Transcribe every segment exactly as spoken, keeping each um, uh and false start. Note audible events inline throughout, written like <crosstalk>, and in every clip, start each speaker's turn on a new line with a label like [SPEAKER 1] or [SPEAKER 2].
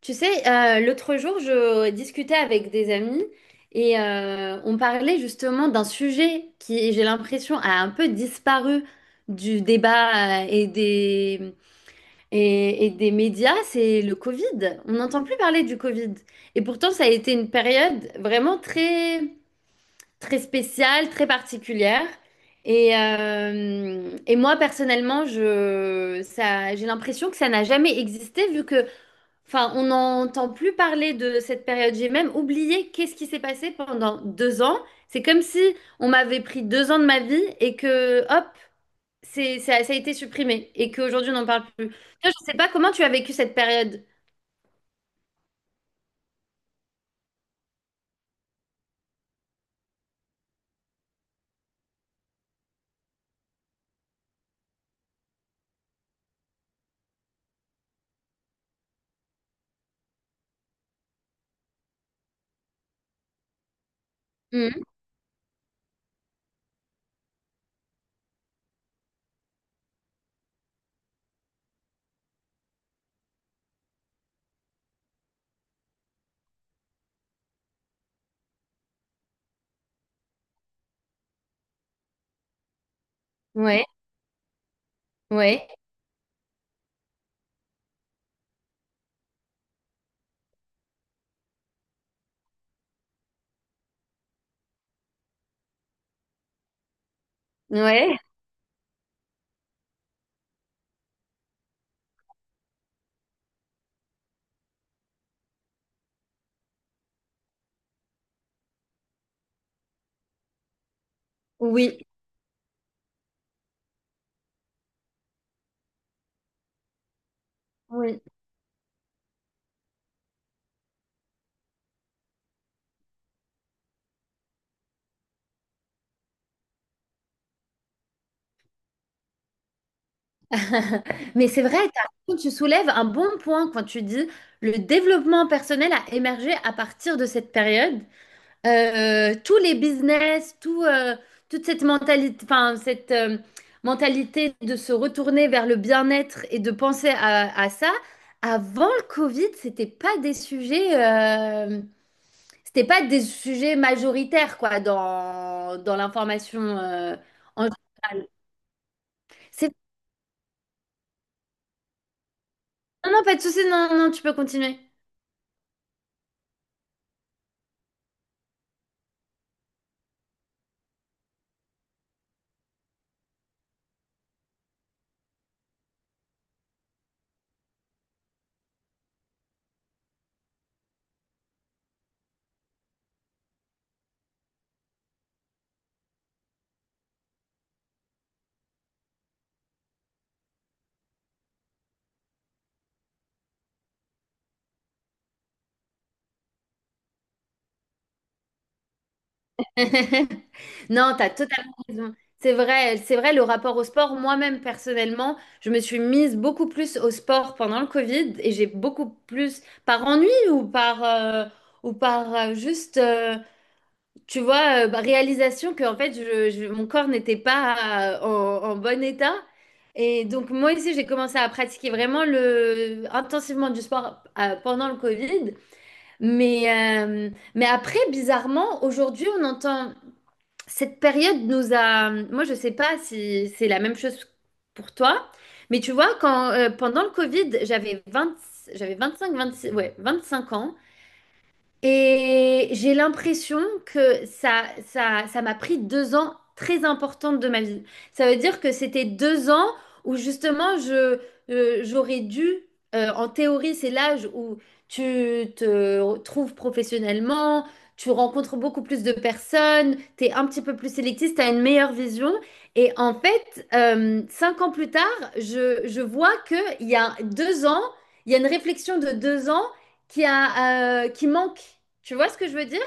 [SPEAKER 1] Tu sais, euh, l'autre jour, je discutais avec des amis et euh, on parlait justement d'un sujet qui, j'ai l'impression, a un peu disparu du débat euh, et des, et, et des médias, c'est le Covid. On n'entend plus parler du Covid. Et pourtant, ça a été une période vraiment très, très spéciale, très particulière. Et, euh, et moi, personnellement, je, ça, j'ai l'impression que ça n'a jamais existé vu que, enfin, on n'entend plus parler de cette période. J'ai même oublié qu'est-ce qui s'est passé pendant deux ans. C'est comme si on m'avait pris deux ans de ma vie et que, hop, c'est, ça, ça a été supprimé et qu'aujourd'hui on n'en parle plus. Toi, je ne sais pas comment tu as vécu cette période. Oui. Ouais, ouais, ouais, oui, oui. <laughs> Mais c'est vrai, t'as raison, tu soulèves un bon point quand tu dis le développement personnel a émergé à partir de cette période. Euh, euh, tous les business, tout, euh, toute cette mentalité, enfin, cette euh, mentalité de se retourner vers le bien-être et de penser à, à ça, avant le Covid, c'était pas des sujets, euh, c'était pas des sujets majoritaires, quoi, dans, dans l'information, euh, en général. C'est. Non, non, pas de souci, non, non, tu peux continuer. <laughs> Non, t'as totalement raison. C'est vrai, c'est vrai, le rapport au sport, moi-même personnellement, je me suis mise beaucoup plus au sport pendant le Covid et j'ai beaucoup plus, par ennui ou par, euh, ou par euh, juste, euh, tu vois, euh, bah, réalisation que en fait, je, je- mon corps n'était pas euh, en, en bon état. Et donc, moi aussi, j'ai commencé à pratiquer vraiment le, intensivement du sport euh, pendant le Covid. Mais, euh, mais après, bizarrement, aujourd'hui, on entend. Cette période nous a. Moi, je sais pas si c'est la même chose pour toi, mais tu vois, quand, euh, pendant le Covid, j'avais vingt j'avais vingt cinq vingt six, ouais, vingt cinq ans. Et j'ai l'impression que ça, ça, ça m'a pris deux ans très importantes de ma vie. Ça veut dire que c'était deux ans où justement je, euh, j'aurais dû, euh, en théorie, c'est l'âge où tu te trouves professionnellement, tu rencontres beaucoup plus de personnes, tu es un petit peu plus sélectif, tu as une meilleure vision. Et en fait, euh, cinq ans plus tard, je, je vois qu'il y a deux ans, il y a une réflexion de deux ans qui a, euh, qui manque. Tu vois ce que je veux dire?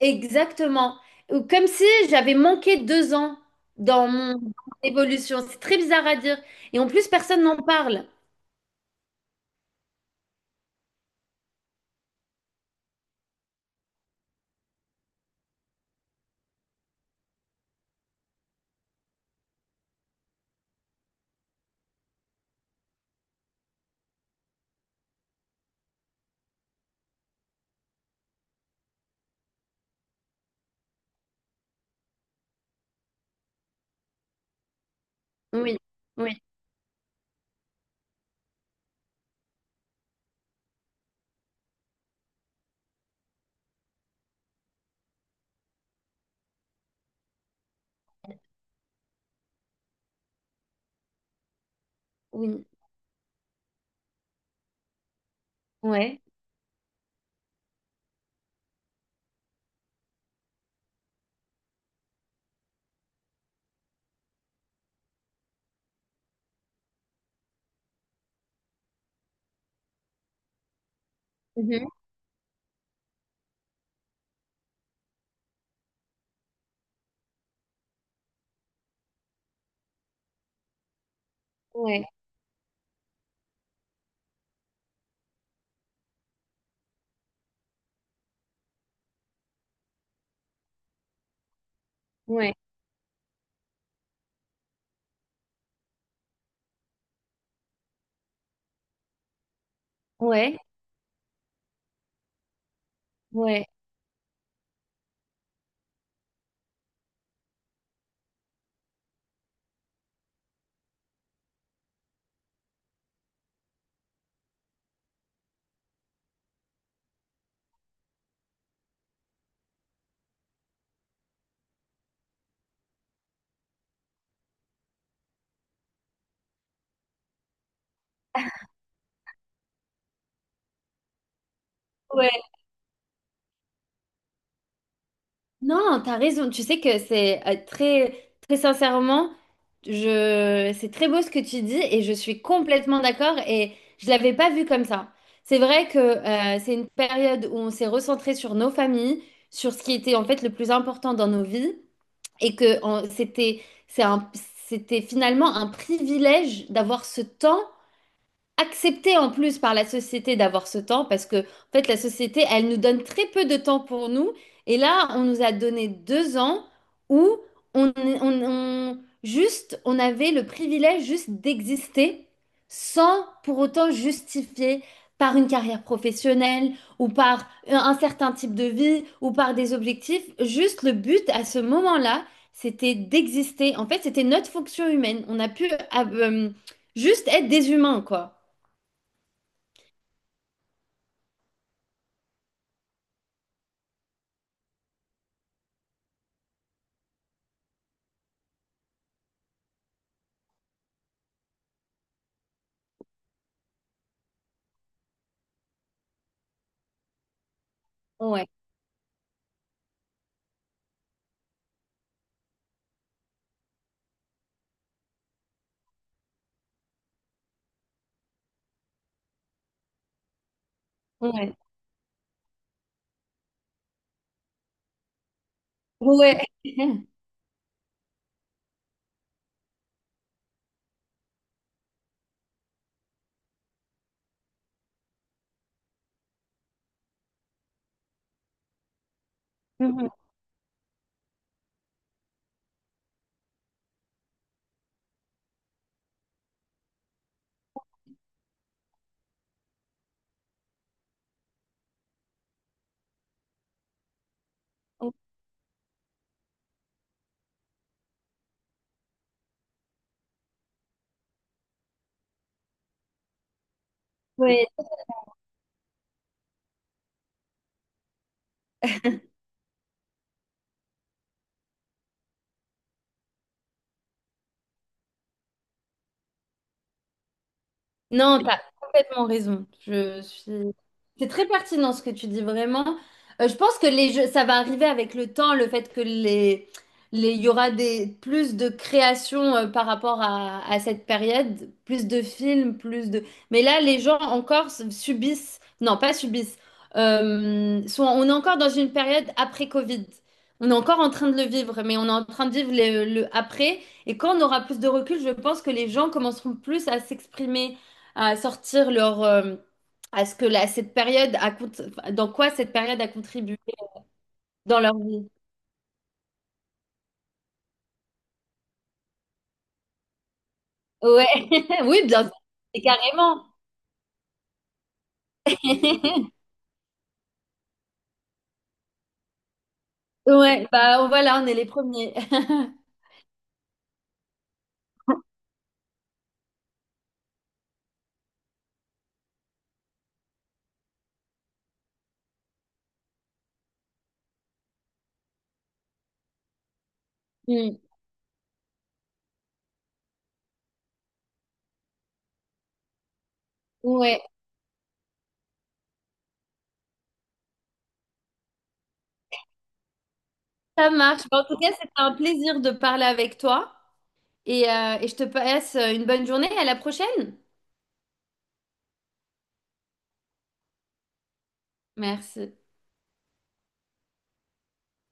[SPEAKER 1] Exactement. Ou comme si j'avais manqué deux ans dans mon dans mon évolution. C'est très bizarre à dire. Et en plus, personne n'en parle. Oui, oui, oui. Ouais. Mhm. Ouais, ouais, ouais, ouais, ouais. Non, t'as raison. Tu sais que c'est euh, très, très sincèrement, je, c'est très beau ce que tu dis et je suis complètement d'accord et je l'avais pas vu comme ça. C'est vrai que euh, c'est une période où on s'est recentré sur nos familles, sur ce qui était en fait le plus important dans nos vies et que en- c'était, c'est un- c'était finalement un privilège d'avoir ce temps accepté en plus par la société d'avoir ce temps parce que, en fait, la société, elle nous donne très peu de temps pour nous. Et là, on nous a donné deux ans où on, on- on- juste, on avait le privilège juste d'exister sans pour autant justifier par une carrière professionnelle ou par un, un certain type de vie ou par des objectifs. Juste le but à ce moment-là, c'était d'exister. En fait, c'était notre fonction humaine. On a pu euh, juste être des humains, quoi. Ouais, ouais, ouais. <laughs> Mhm. Ouais. Non, tu as complètement raison. Je suis. C'est très pertinent ce que tu dis vraiment. Euh, je pense que les jeux, ça va arriver avec le temps, le fait que les, les, il y aura des, plus de créations euh, par rapport à, à cette période, plus de films, plus de. Mais là, les gens encore s- subissent, non, pas subissent, euh, sont- on est encore dans une période après Covid. On est encore en train de le vivre, mais on est en train de vivre le, le après. Et quand on aura plus de recul, je pense que les gens commenceront plus à s'exprimer à sortir leur euh, à ce que la, cette période a cont- enfin, dans quoi cette période a contribué dans leur vie. Ouais, <laughs> oui, bien sûr. Et carrément. <laughs> Ouais, bah on- voilà, on est les premiers. <laughs> Mm. Ouais, ça marche. Bon, en tout cas, c'était un plaisir de parler avec toi et, euh, et je te passe une bonne journée. À la prochaine. Merci.